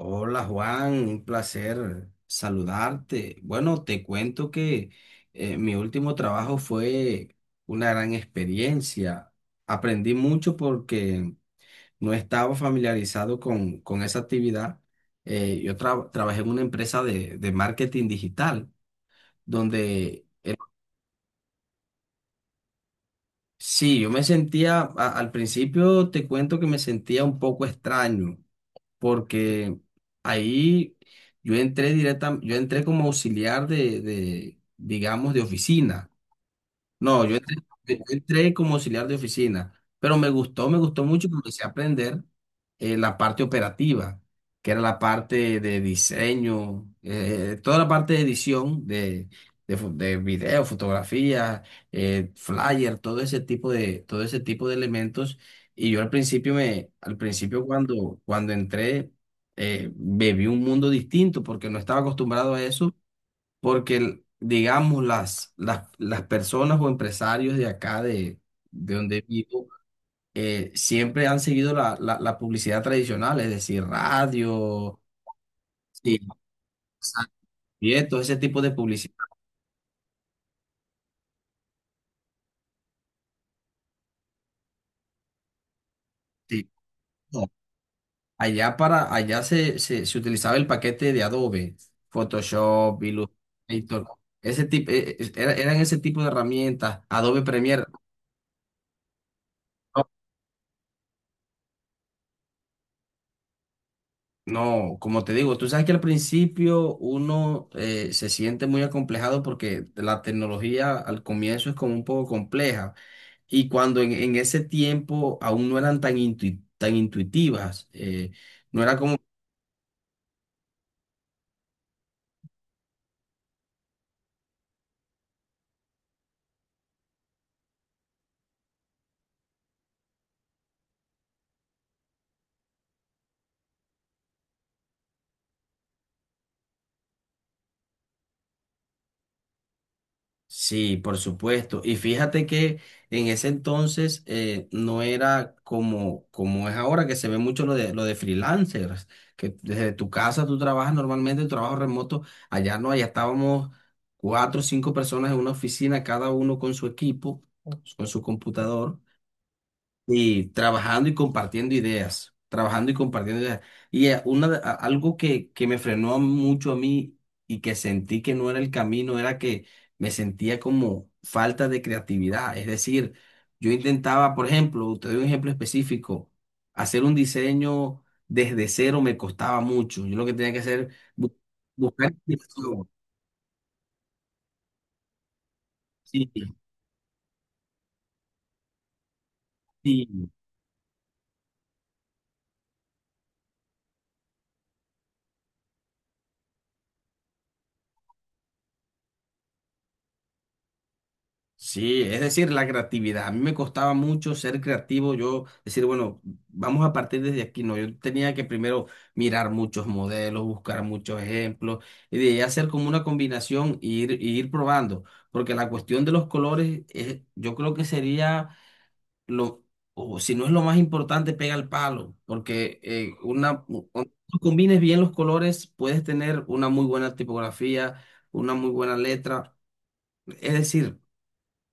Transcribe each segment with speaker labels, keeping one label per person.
Speaker 1: Hola Juan, un placer saludarte. Bueno, te cuento que mi último trabajo fue una gran experiencia. Aprendí mucho porque no estaba familiarizado con esa actividad. Yo trabajé en una empresa de marketing digital, donde sí, yo me sentía, al principio te cuento que me sentía un poco extraño porque ahí yo entré como auxiliar digamos, de oficina. No, yo entré como auxiliar de oficina, pero me gustó mucho porque empecé a aprender la parte operativa, que era la parte de diseño, toda la parte de edición de video, fotografía, flyer, todo ese tipo de elementos. Y yo al principio cuando entré, viví un mundo distinto porque no estaba acostumbrado a eso porque digamos las personas o empresarios de acá, de donde vivo, siempre han seguido la publicidad tradicional, es decir, radio, sí, todo ese tipo de publicidad. Sí. No, allá, allá se utilizaba el paquete de Adobe, Photoshop, Illustrator, ese tipo, eran ese tipo de herramientas, Adobe Premiere. ¿No? No, como te digo, tú sabes que al principio uno se siente muy acomplejado porque la tecnología al comienzo es como un poco compleja. Y cuando en ese tiempo aún no eran tan, tan intuitivas, no era como... Sí, por supuesto. Y fíjate que en ese entonces no era como, como es ahora, que se ve mucho lo de freelancers, que desde tu casa tú trabajas normalmente, tu trabajo remoto, allá no, allá estábamos cuatro o cinco personas en una oficina, cada uno con su equipo, con su computador. Y trabajando y compartiendo ideas, trabajando y compartiendo ideas. Y algo que me frenó mucho a mí y que sentí que no era el camino era que me sentía como falta de creatividad. Es decir, yo intentaba, por ejemplo, te doy un ejemplo específico, hacer un diseño desde cero me costaba mucho. Yo lo que tenía que hacer, bu- buscar inspiración. Sí, sí. Sí, es decir, la creatividad. A mí me costaba mucho ser creativo. Yo decir, bueno, vamos a partir desde aquí. No, yo tenía que primero mirar muchos modelos, buscar muchos ejemplos y de ahí hacer como una combinación e ir probando. Porque la cuestión de los colores, yo creo que sería lo, o si no es lo más importante, pega al palo. Porque cuando tú combines bien los colores, puedes tener una muy buena tipografía, una muy buena letra. Es decir,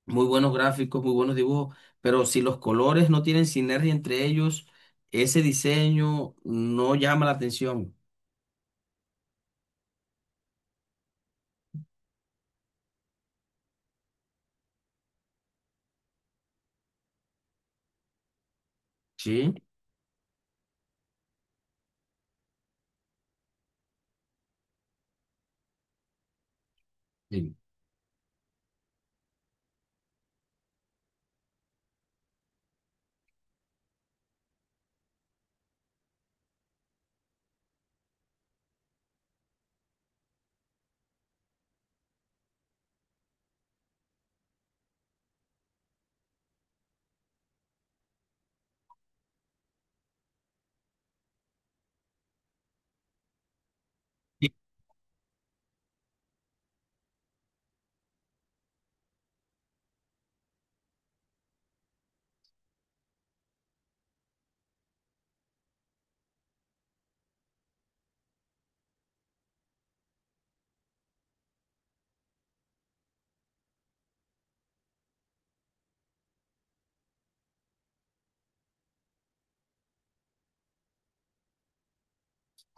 Speaker 1: muy buenos gráficos, muy buenos dibujos, pero si los colores no tienen sinergia entre ellos, ese diseño no llama la atención. ¿Sí? Sí. Sí,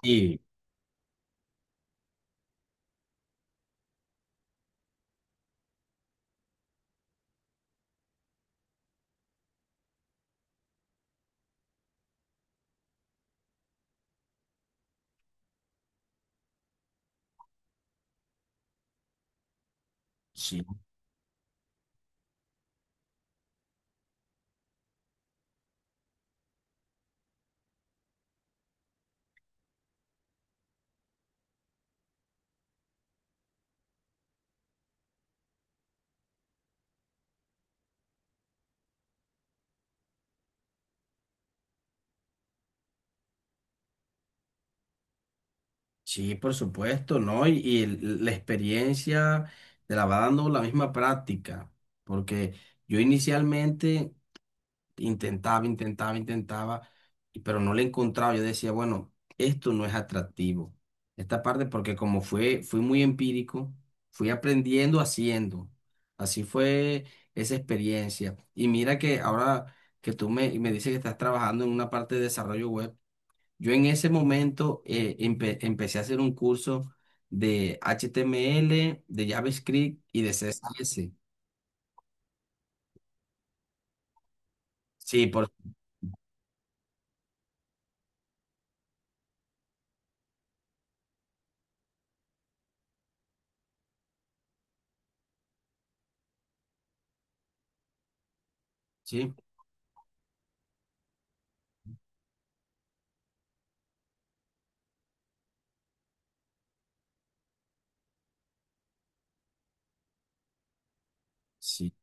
Speaker 1: sí, sí, sí, por supuesto, ¿no? Y, la experiencia te la va dando la misma práctica, porque yo inicialmente intentaba, intentaba, pero no le encontraba. Yo decía, bueno, esto no es atractivo. Esta parte, porque fui muy empírico, fui aprendiendo haciendo. Así fue esa experiencia. Y mira que ahora que me dices que estás trabajando en una parte de desarrollo web, yo en ese momento empecé a hacer un curso de HTML, de JavaScript y de CSS. Sí, por sí. Sí.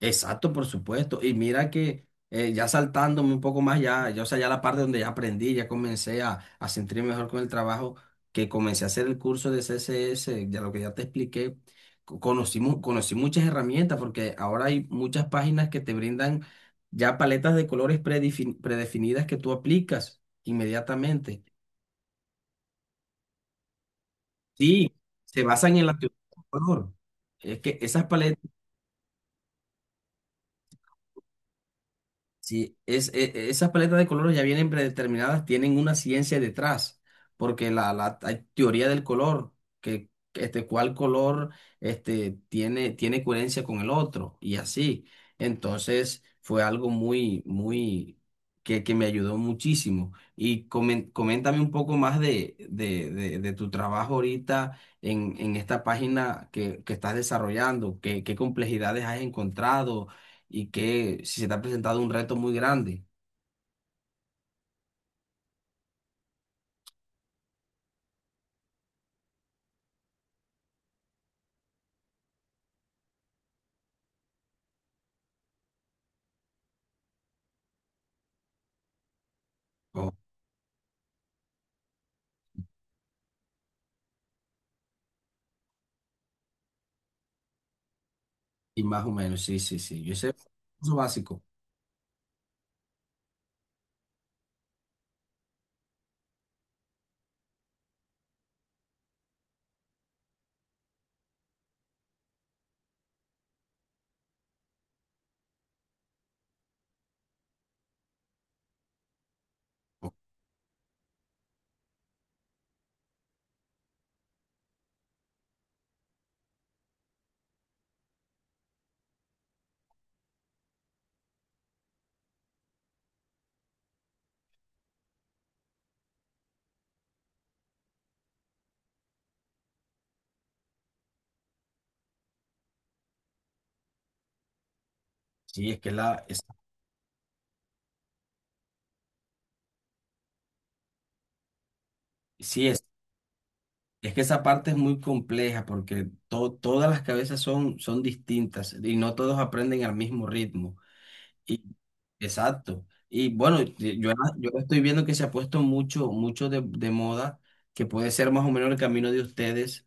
Speaker 1: Exacto, por supuesto. Y mira que ya saltándome un poco más, ya, o sea, ya la parte donde ya aprendí, ya comencé a sentirme mejor con el trabajo, que comencé a hacer el curso de CSS, ya lo que ya te expliqué, conocí muchas herramientas, porque ahora hay muchas páginas que te brindan ya paletas de colores predefinidas que tú aplicas inmediatamente. Sí, se basan en la teoría del color. Es que esas paletas... Sí, esas paletas de colores ya vienen predeterminadas, tienen una ciencia detrás, porque la hay teoría del color, que este, cuál color este, tiene, tiene coherencia con el otro, y así. Entonces fue algo que me ayudó muchísimo. Y coméntame un poco más de tu trabajo ahorita en esta página que estás desarrollando, qué, qué complejidades has encontrado y que si se te ha presentado un reto muy grande, o- y más o menos, sí, yo sé eso básico, sí, es que sí es que esa parte es muy compleja porque todas las cabezas son distintas y no todos aprenden al mismo ritmo. Y- exacto. Y bueno, y yo estoy viendo que se ha puesto mucho, mucho de moda, que puede ser más o menos el camino de ustedes,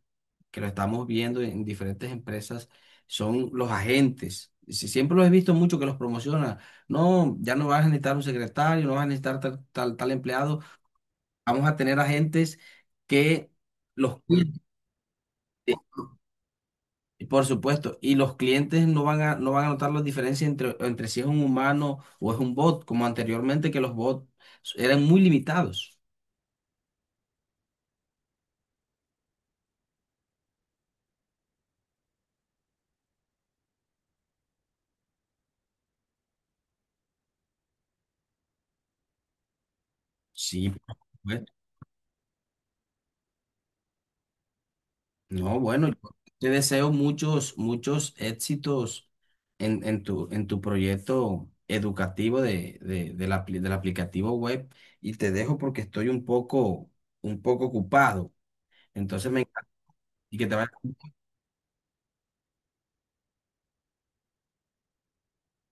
Speaker 1: que lo estamos viendo en diferentes empresas, son los agentes. Siempre los he visto mucho que los promociona. No, ya no vas a necesitar un secretario, no vas a necesitar tal, tal, tal empleado. Vamos a tener agentes que los cuiden. Y por supuesto, y los clientes no van a, no van a notar la diferencia entre, entre si es un humano o es un bot, como anteriormente que los bots eran muy limitados. Sí, por supuesto. No, bueno, yo te deseo muchos, muchos éxitos en tu proyecto educativo del del aplicativo web y te dejo porque estoy un poco ocupado. Entonces me encanta y que te vaya.